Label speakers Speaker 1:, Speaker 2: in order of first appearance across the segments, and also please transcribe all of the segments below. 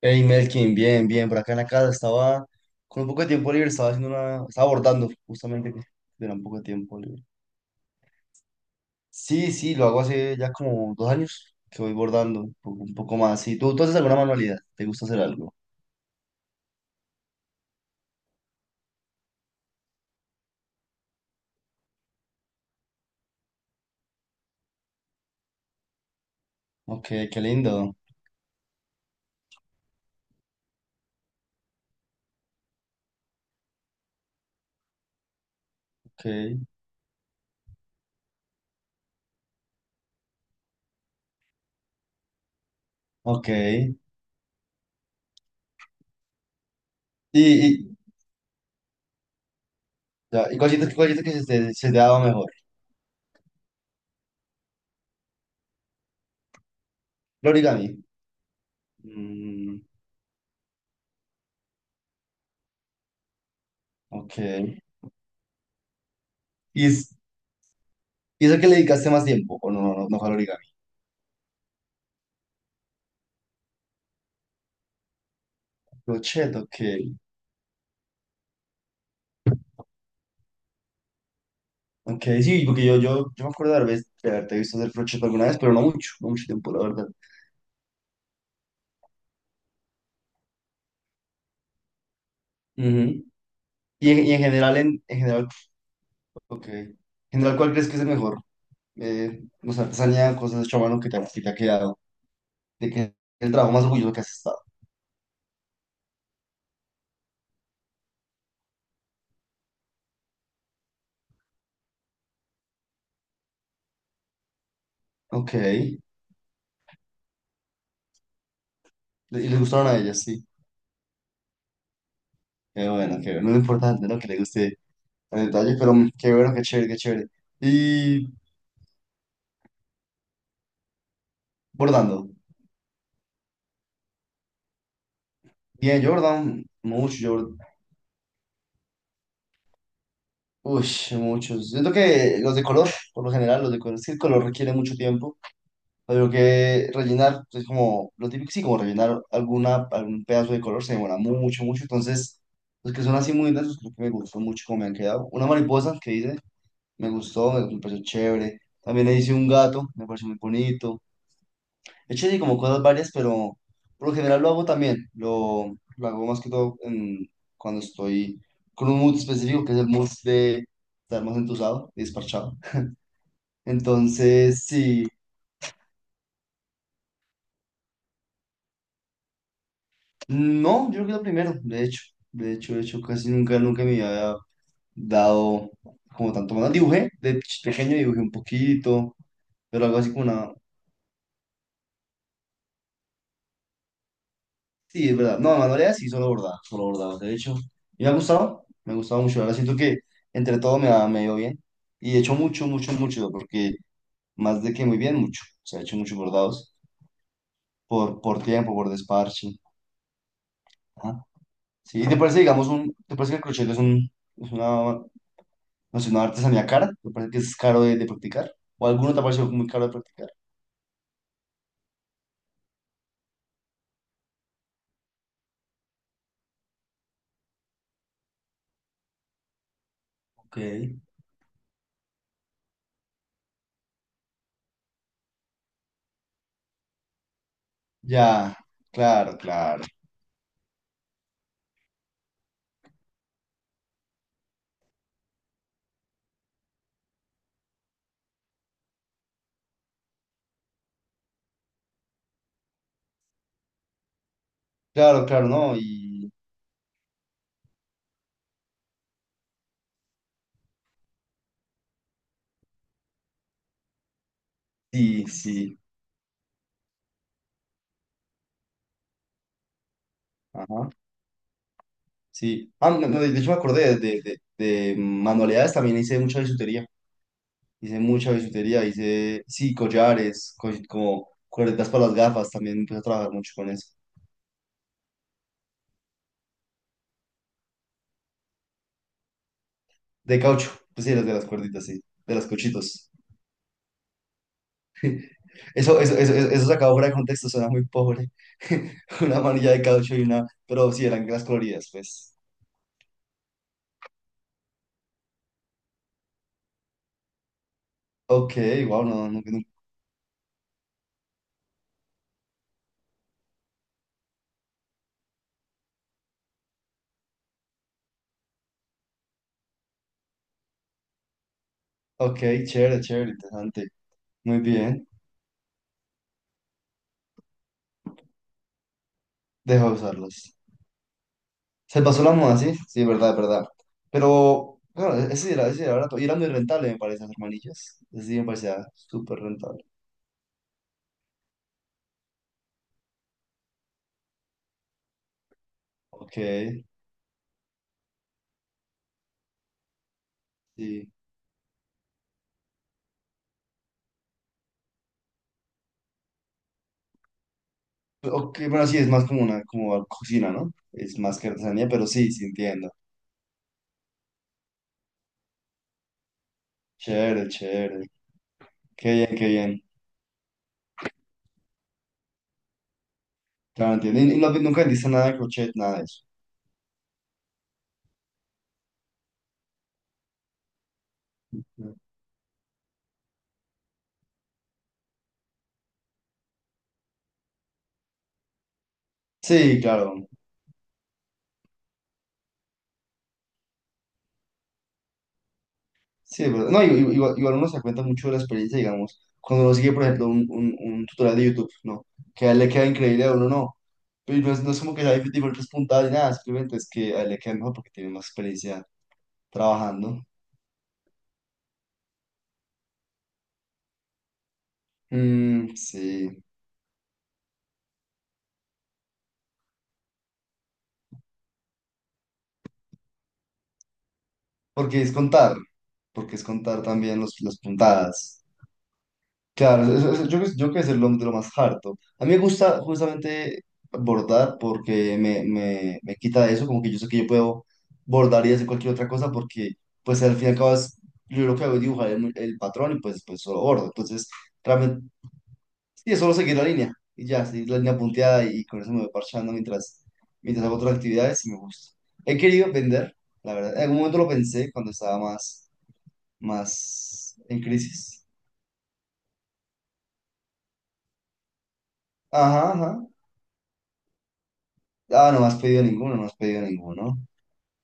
Speaker 1: Hey Melkin, bien, bien, por acá en la casa estaba con un poco de tiempo libre, estaba abordando justamente que tenía un poco de tiempo libre. Sí, sí, lo hago hace ya como 2 años que voy bordando un poco más. Sí, ¿¿tú haces alguna manualidad? ¿Te gusta hacer algo? Ok, qué lindo. Ok, ok. Y, ya, ¿y cuál sientes que se te ha dado mejor? El origami. Mm, ok. ¿Y, es- y es el que le dedicaste más tiempo? ¿O no, no, no fue al origami? Crochet, ok. Ok, sí, porque yo me acuerdo de haberte visto hacer crochet alguna vez, pero no mucho, no mucho tiempo, la verdad. Ujú. Y en general, ok. En general, ¿cuál crees que es el mejor? No sé, artesanía, cosas de a mano que te ha quedado. De qué el trabajo más orgulloso que has estado. Ok. Y les gustaron a ellas, sí. Qué bueno, qué bueno. Lo importante, ¿no? Que les guste el detalle, pero qué bueno, qué chévere, qué chévere. Y bordando. Bien, yo bordaba mucho, yo Uy, muchos. Siento que los de color, por lo general, los de color, es que el color requiere mucho tiempo. Pero que rellenar, es como lo típico, sí, como rellenar algún pedazo de color se demora mucho, mucho. Entonces, los que son así muy intensos, creo que me gustó mucho cómo me han quedado. Una mariposa que hice, me gustó, me pareció chévere. También le hice un gato, me pareció muy bonito. De hecho, sí, como cosas varias, pero por lo general lo hago también. Lo hago más que todo cuando estoy con un mood específico, que es el mood de estar más entusado y desparchado. Entonces, sí, no, yo creo que lo primero, de hecho, casi nunca, nunca me había dado como tanto más. Dibujé, de pequeño dibujé un poquito, pero algo así como una, sí, es verdad. No, manualidades sí, solo bordado, solo bordado. De hecho, y me ha gustado mucho. Ahora siento que entre todo me ha ido bien. Y he hecho mucho, mucho, mucho, porque más de que muy bien, mucho. O sea, he hecho muchos bordados por tiempo, por desparche. Ajá. Sí, ¿y te parece, digamos, te parece que el crochet es una, no sé, una artesanía cara? ¿Te parece que es caro de practicar? ¿O alguno te ha parecido muy caro de practicar? Ok. Ya, claro, claro. Claro, claro, no. Y sí, sí. Ajá. Sí. Ah, no, no, de hecho me acordé de manualidades, también hice mucha bisutería. Hice mucha bisutería, hice, sí, collares, como cuerdas para las gafas, también empecé a trabajar mucho con eso. De caucho, pues sí, las de las cuerditas, sí, de los cochitos. Eso, eso, eso, eso eso sacado fuera de contexto, suena muy pobre. Una manilla de caucho pero sí, eran las coloridas, pues. Ok, wow, no, no, no. Ok, chévere, chévere, interesante. Muy bien, deja de usarlas. Se pasó la moda, sí, sí, verdad, verdad. Pero, claro, ese sí era, barato. Y era muy rentable, me parece, hacer manillas. Ese sí me parecía súper rentable. Ok, sí. Ok, bueno, sí, es más como una como cocina, ¿no? Es más que artesanía, pero sí, sí entiendo. Chévere, chévere. Qué bien, qué bien. Claro, entiendo. Y, nunca vendiste nada de crochet, nada de eso. Sí, claro. Sí, es verdad. No, igual uno se da cuenta mucho de la experiencia, digamos, cuando uno sigue, por ejemplo, un tutorial de YouTube, ¿no? Que a él le queda increíble, a uno no. Pero no es como que sea diferentes puntadas ni nada, simplemente es que a él le queda mejor porque tiene más experiencia trabajando. Mm, sí, porque es contar, porque es contar también los, las puntadas. Claro, yo, yo creo que es de lo más harto. A mí me gusta justamente bordar porque me quita eso, como que yo sé que yo puedo bordar y hacer cualquier otra cosa porque pues al fin y al cabo yo lo que hago es dibujar el patrón y pues solo bordo. Entonces, realmente, sí, es solo seguir la línea y ya, seguir la línea punteada y con eso me voy parchando mientras hago otras actividades y me gusta. He querido vender, la verdad. En algún momento lo pensé cuando estaba más en crisis. Ajá, ajá. Ah, no me has pedido ninguno, no has pedido ninguno.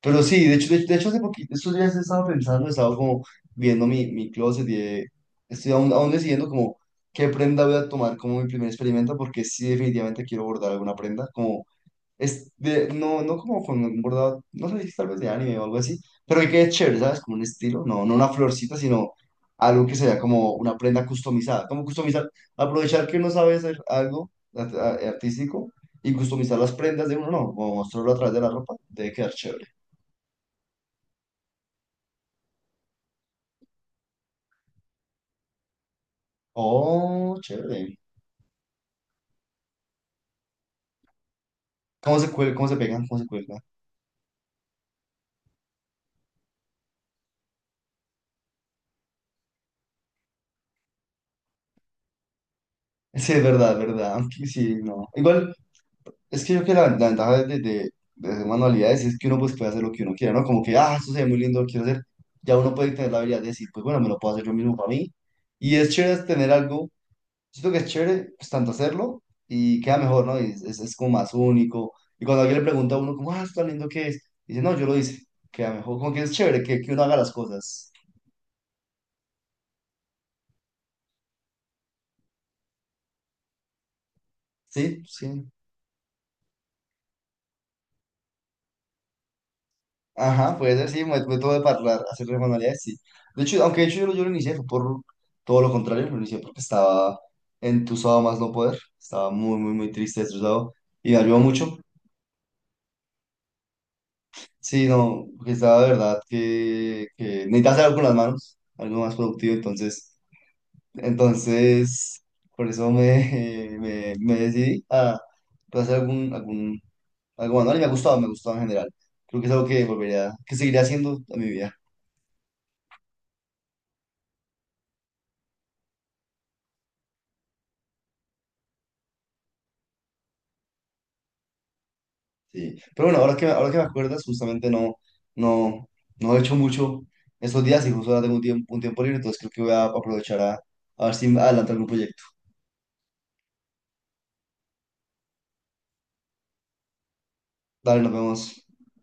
Speaker 1: Pero sí, de hecho, de hecho hace poquito, estos días he estado pensando, he estado como viendo mi closet y estoy aún decidiendo como qué prenda voy a tomar como mi primer experimento, porque sí definitivamente quiero bordar alguna prenda, no, no como con un bordado, no sé, tal vez de anime o algo así, pero que quede chévere, ¿sabes? Como un estilo, no, no una florcita, sino algo que sea como una prenda customizada. Como customizar, aprovechar que uno sabe hacer algo artístico y customizar las prendas de uno, no, o mostrarlo a través de la ropa, debe quedar chévere. Oh, chévere. ¿Cómo se cuelga, cómo se pegan, cómo se cuelga? Sí, es verdad, es verdad. Aunque sí, no. Igual. Es que yo creo que la ventaja de hacer manualidades es que uno pues puede hacer lo que uno quiera, ¿no? Como que, ah, esto se ve muy lindo, lo quiero hacer. Ya uno puede tener la habilidad de decir, pues bueno, me lo puedo hacer yo mismo para mí. Y es chévere tener algo, siento que es chévere, pues tanto hacerlo y queda mejor, ¿no? Y es como más único. Y cuando alguien le pregunta a uno, como, ah, esto tan lindo que es, dice, no, yo lo hice, queda mejor. Como que es chévere que uno haga las cosas. Sí, sí. Ajá, puede ser, sí, me método de parlar, hacer de manualidades, sí. De hecho, aunque de hecho yo lo inicié, fue por todo lo contrario, lo inicié porque estaba entusado más no poder, estaba muy, muy, muy triste, estresado, y me ayudó mucho. Sí, no, porque estaba de verdad que necesitaba hacer algo con las manos, algo más productivo, entonces, entonces, por eso me, me decidí a pues, hacer algo manual, y me ha gustado en general. Creo que es algo que volvería, que seguiré haciendo en mi vida. Sí, pero bueno, ahora que, me acuerdas, justamente no, no, no he hecho mucho estos días y justo ahora tengo un tiempo libre, entonces creo que voy a aprovechar a ver si adelanto algún proyecto. Dale, nos vemos.